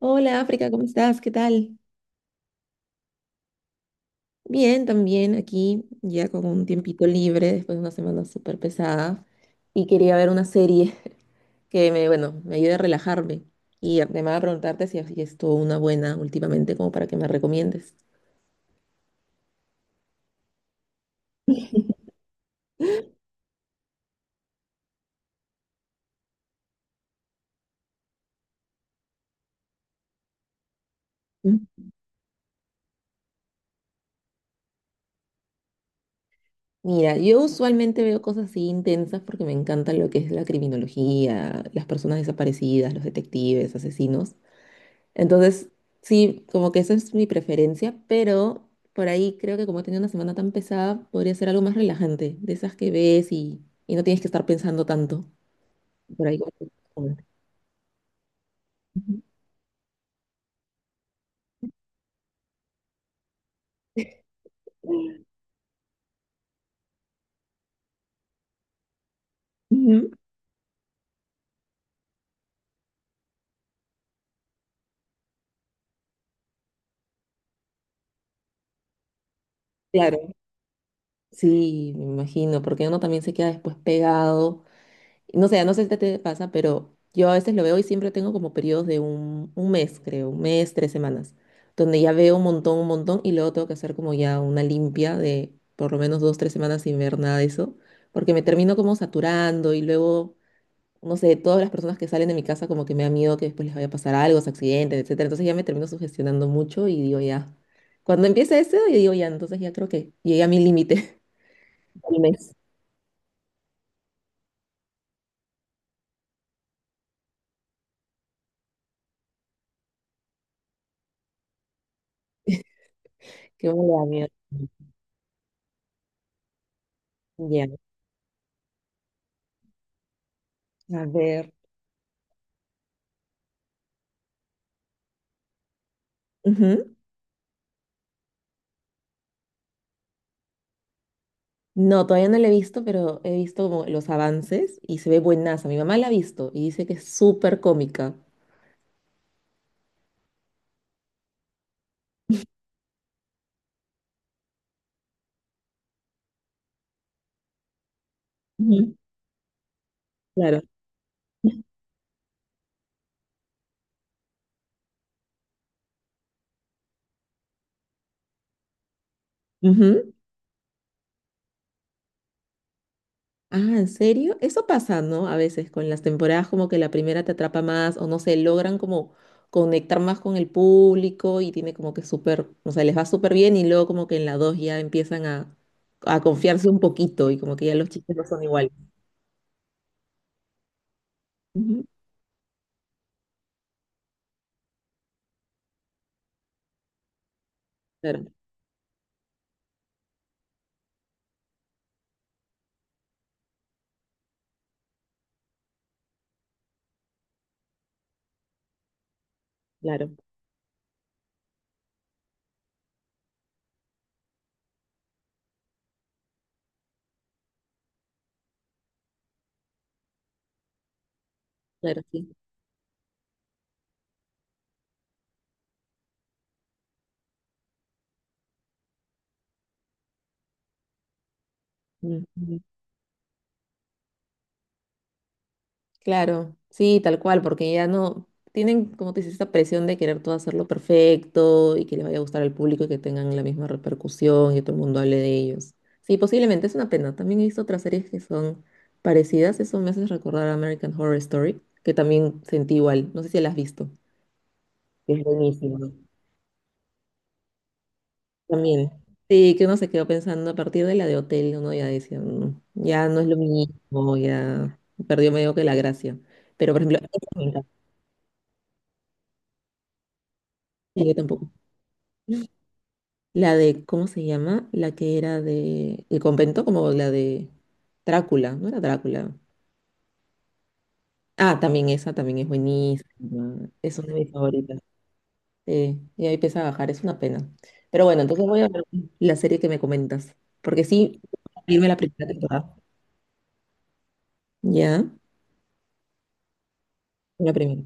Hola África, ¿cómo estás? ¿Qué tal? Bien, también aquí, ya con un tiempito libre después de una semana súper pesada. Y quería ver una serie que me, bueno, me ayude a relajarme. Y además a preguntarte si has visto una buena últimamente, como para que me recomiendes. Mm. Mira, yo usualmente veo cosas así intensas porque me encanta lo que es la criminología, las personas desaparecidas, los detectives, asesinos. Entonces, sí, como que esa es mi preferencia, pero por ahí creo que como he tenido una semana tan pesada, podría ser algo más relajante, de esas que ves y no tienes que estar pensando tanto. Por ahí, como que- Ujú. Ujú. Claro, sí, me imagino, porque uno también se queda después pegado. No sé si a ti te pasa, pero yo a veces lo veo y siempre tengo como periodos de un mes, creo, un mes, tres semanas, donde ya veo un montón y luego tengo que hacer como ya una limpia de por lo menos dos, tres semanas sin ver nada de eso, porque me termino como saturando y luego, no sé, todas las personas que salen de mi casa como que me da miedo que después les vaya a pasar algo, se accidentes, etcétera. Entonces ya me termino sugestionando mucho y digo ya, cuando empiece eso, yo digo ya, entonces ya creo que llegué a mi límite del mes. ¿Qué me le da miedo? Ya, a ver. Ujú. No, todavía no la he visto, pero he visto como los avances y se ve buenaza. Mi mamá la ha visto y dice que es súper cómica. Ujú. Claro. Ujú. Ah, ¿en serio? Eso pasa, ¿no? A veces con las temporadas como que la primera te atrapa más o no sé, logran como conectar más con el público y tiene como que súper, o sea, les va súper bien y luego como que en la dos ya empiezan a confiarse un poquito y como que ya los chistes no son iguales. Ujú. Claro, claro, claro, sí. Ujú. Claro, sí, tal cual, porque ya no tienen, como te dices, esta presión de querer todo hacerlo perfecto y que les vaya a gustar al público y que tengan la misma repercusión y que todo el mundo hable de ellos. Sí, posiblemente es una pena. También he visto otras series que son parecidas. Eso me hace recordar a American Horror Story, que también sentí igual. No sé si la has visto. Es buenísimo. También. Sí, que uno se quedó pensando a partir de la de Hotel, uno ya decía, "Mm, ya no es lo mismo, ya perdió medio que la gracia". Pero, por ejemplo, esa me encanta. Sí, yo tampoco. La de, ¿cómo se llama? La que era de El convento, como la de Drácula, ¿no era Drácula? Ah, también esa, también es buenísima. Es una de mis favoritas. Sí, y ahí empieza a bajar, es una pena. Pero bueno, entonces voy a ver la serie que me comentas, porque sí, irme la primera temporada. Ya, la primera.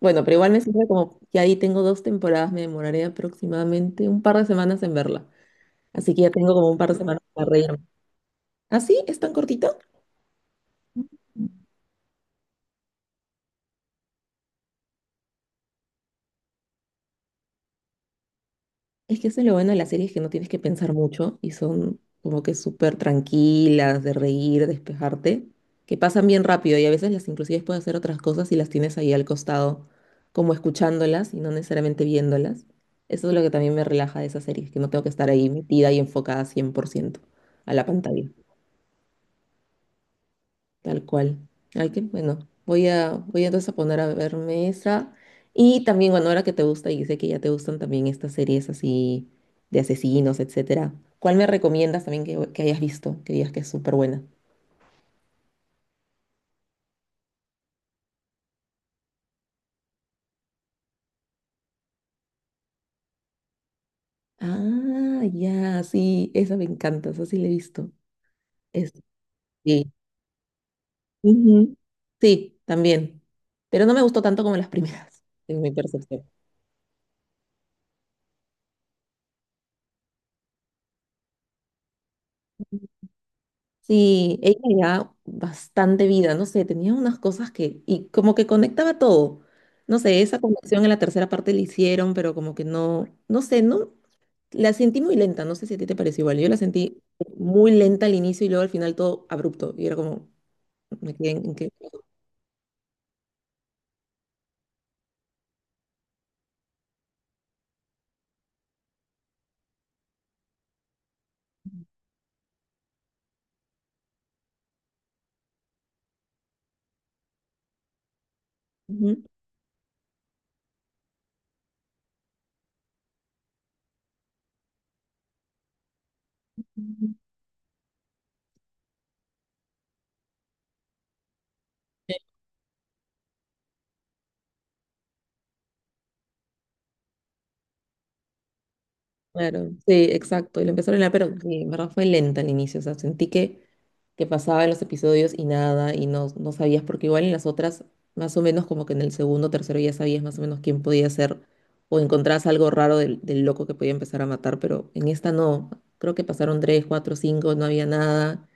Bueno, pero igual me sirve como que ahí tengo dos temporadas, me demoraré aproximadamente un par de semanas en verla. Así que ya tengo como un par de semanas para reírme. ¿Ah, sí? ¿Es tan cortita? Es que eso es lo bueno de las series, que no tienes que pensar mucho y son como que súper tranquilas, de reír, despejarte, que pasan bien rápido y a veces las inclusive puedes hacer otras cosas y las tienes ahí al costado, como escuchándolas y no necesariamente viéndolas. Eso es lo que también me relaja de esas series, que no tengo que estar ahí metida y enfocada 100% a la pantalla. Tal cual. Ay, que bueno. Voy a, voy entonces a poner a verme esa. Y también, bueno, ahora que te gusta y sé que ya te gustan también estas series así de asesinos, etcétera. ¿Cuál me recomiendas también que hayas visto? Que digas que es súper buena. Ah, ya, sí, esa me encanta, esa sí la he visto. Es, sí. Ujú. Sí, también. Pero no me gustó tanto como las primeras, en mi percepción. Sí, ella le daba bastante vida, no sé, tenía unas cosas que, y como que conectaba todo. No sé, esa conexión en la tercera parte la hicieron, pero como que no, no sé, no, la sentí muy lenta, no sé si a ti te pareció igual, yo la sentí muy lenta al inicio y luego al final todo abrupto, y era como, me quedé en que... Ujú. Claro, sí, exacto. Y lo empezaron a, pero sí, en verdad fue lenta al inicio. O sea, sentí que pasaba en los episodios y nada, y no, no sabías, porque igual en las otras, más o menos como que en el segundo o tercero ya sabías más o menos quién podía ser, o encontrabas algo raro del loco que podía empezar a matar, pero en esta no. Creo que pasaron tres, cuatro, cinco, no había nada.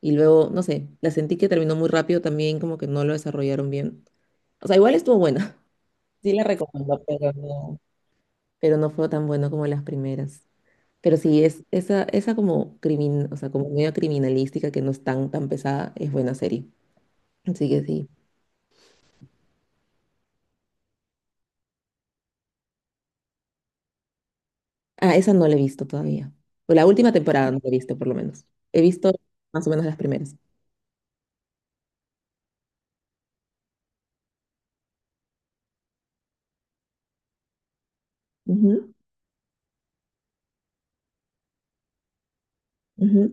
Y luego, no sé, la sentí que terminó muy rápido también, como que no lo desarrollaron bien. O sea, igual estuvo buena. Sí la recomiendo, pero no fue tan bueno como las primeras. Pero sí, es esa, esa como crimin, o sea, como medio criminalística, que no es tan, tan pesada, es buena serie. Así que sí. Ah, esa no la he visto todavía. O la última temporada no la he visto, por lo menos. He visto más o menos las primeras. Ujú, ujú.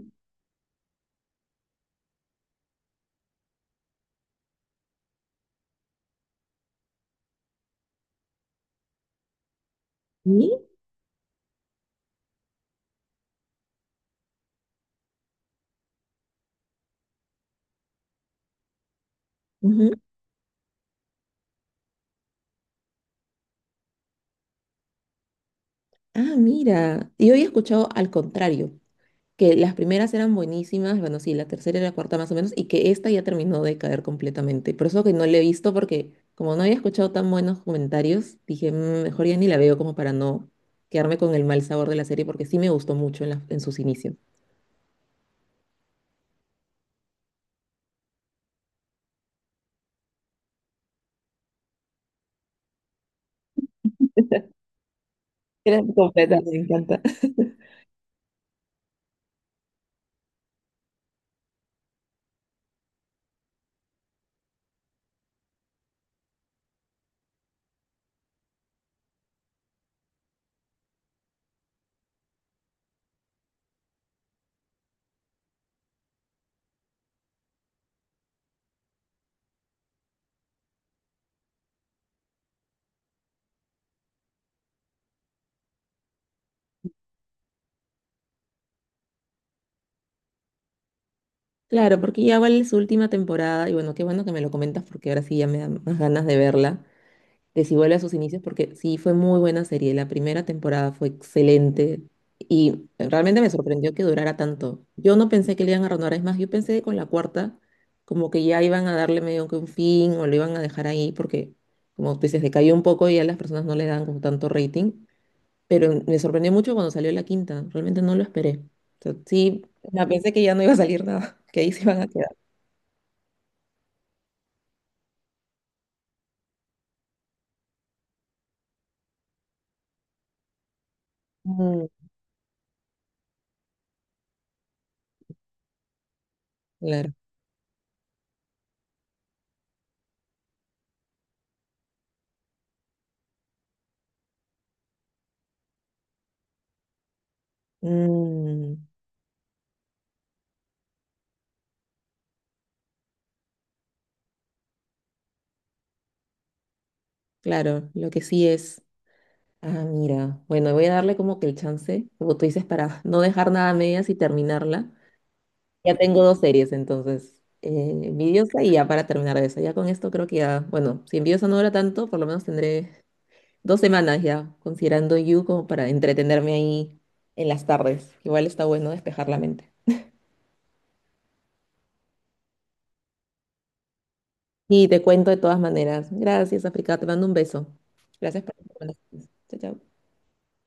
¿Y? Ujú. Ah, mira. Yo había escuchado al contrario, que las primeras eran buenísimas, bueno, sí, la tercera y la cuarta más o menos, y que esta ya terminó de caer completamente. Por eso que no la he visto, porque como no había escuchado tan buenos comentarios, dije, "Mm, mejor ya ni la veo como para no quedarme con el mal sabor de la serie, porque sí me gustó mucho en, en sus inicios". Era completa, me encanta. Claro, porque ya vale su última temporada, y bueno, qué bueno que me lo comentas, porque ahora sí ya me dan más ganas de verla, de si vuelve a sus inicios, porque sí fue muy buena serie. La primera temporada fue excelente y realmente me sorprendió que durara tanto. Yo no pensé que le iban a renovar, es más, yo pensé que con la cuarta como que ya iban a darle medio que un fin o lo iban a dejar ahí porque, como tú dices, decayó un poco y a las personas no le dan como tanto rating, pero me sorprendió mucho cuando salió la quinta, realmente no lo esperé. O sea, sí, o sea, pensé que ya no iba a salir nada, que ahí se iban a quedar. Mm, claro. Mm, claro, lo que sí es... Ah, mira. Bueno, voy a darle como que el chance, como tú dices, para no dejar nada a medias y terminarla. Ya tengo dos series, entonces. Vidiosa y ya para terminar eso. Ya con esto creo que ya, bueno, si Envidiosa no dura tanto, por lo menos tendré dos semanas ya, considerando You como para entretenerme ahí en las tardes. Igual está bueno despejar la mente. Y te cuento de todas maneras. Gracias, África. Te mando un beso. Gracias por las recomendaciones. Chao, chao.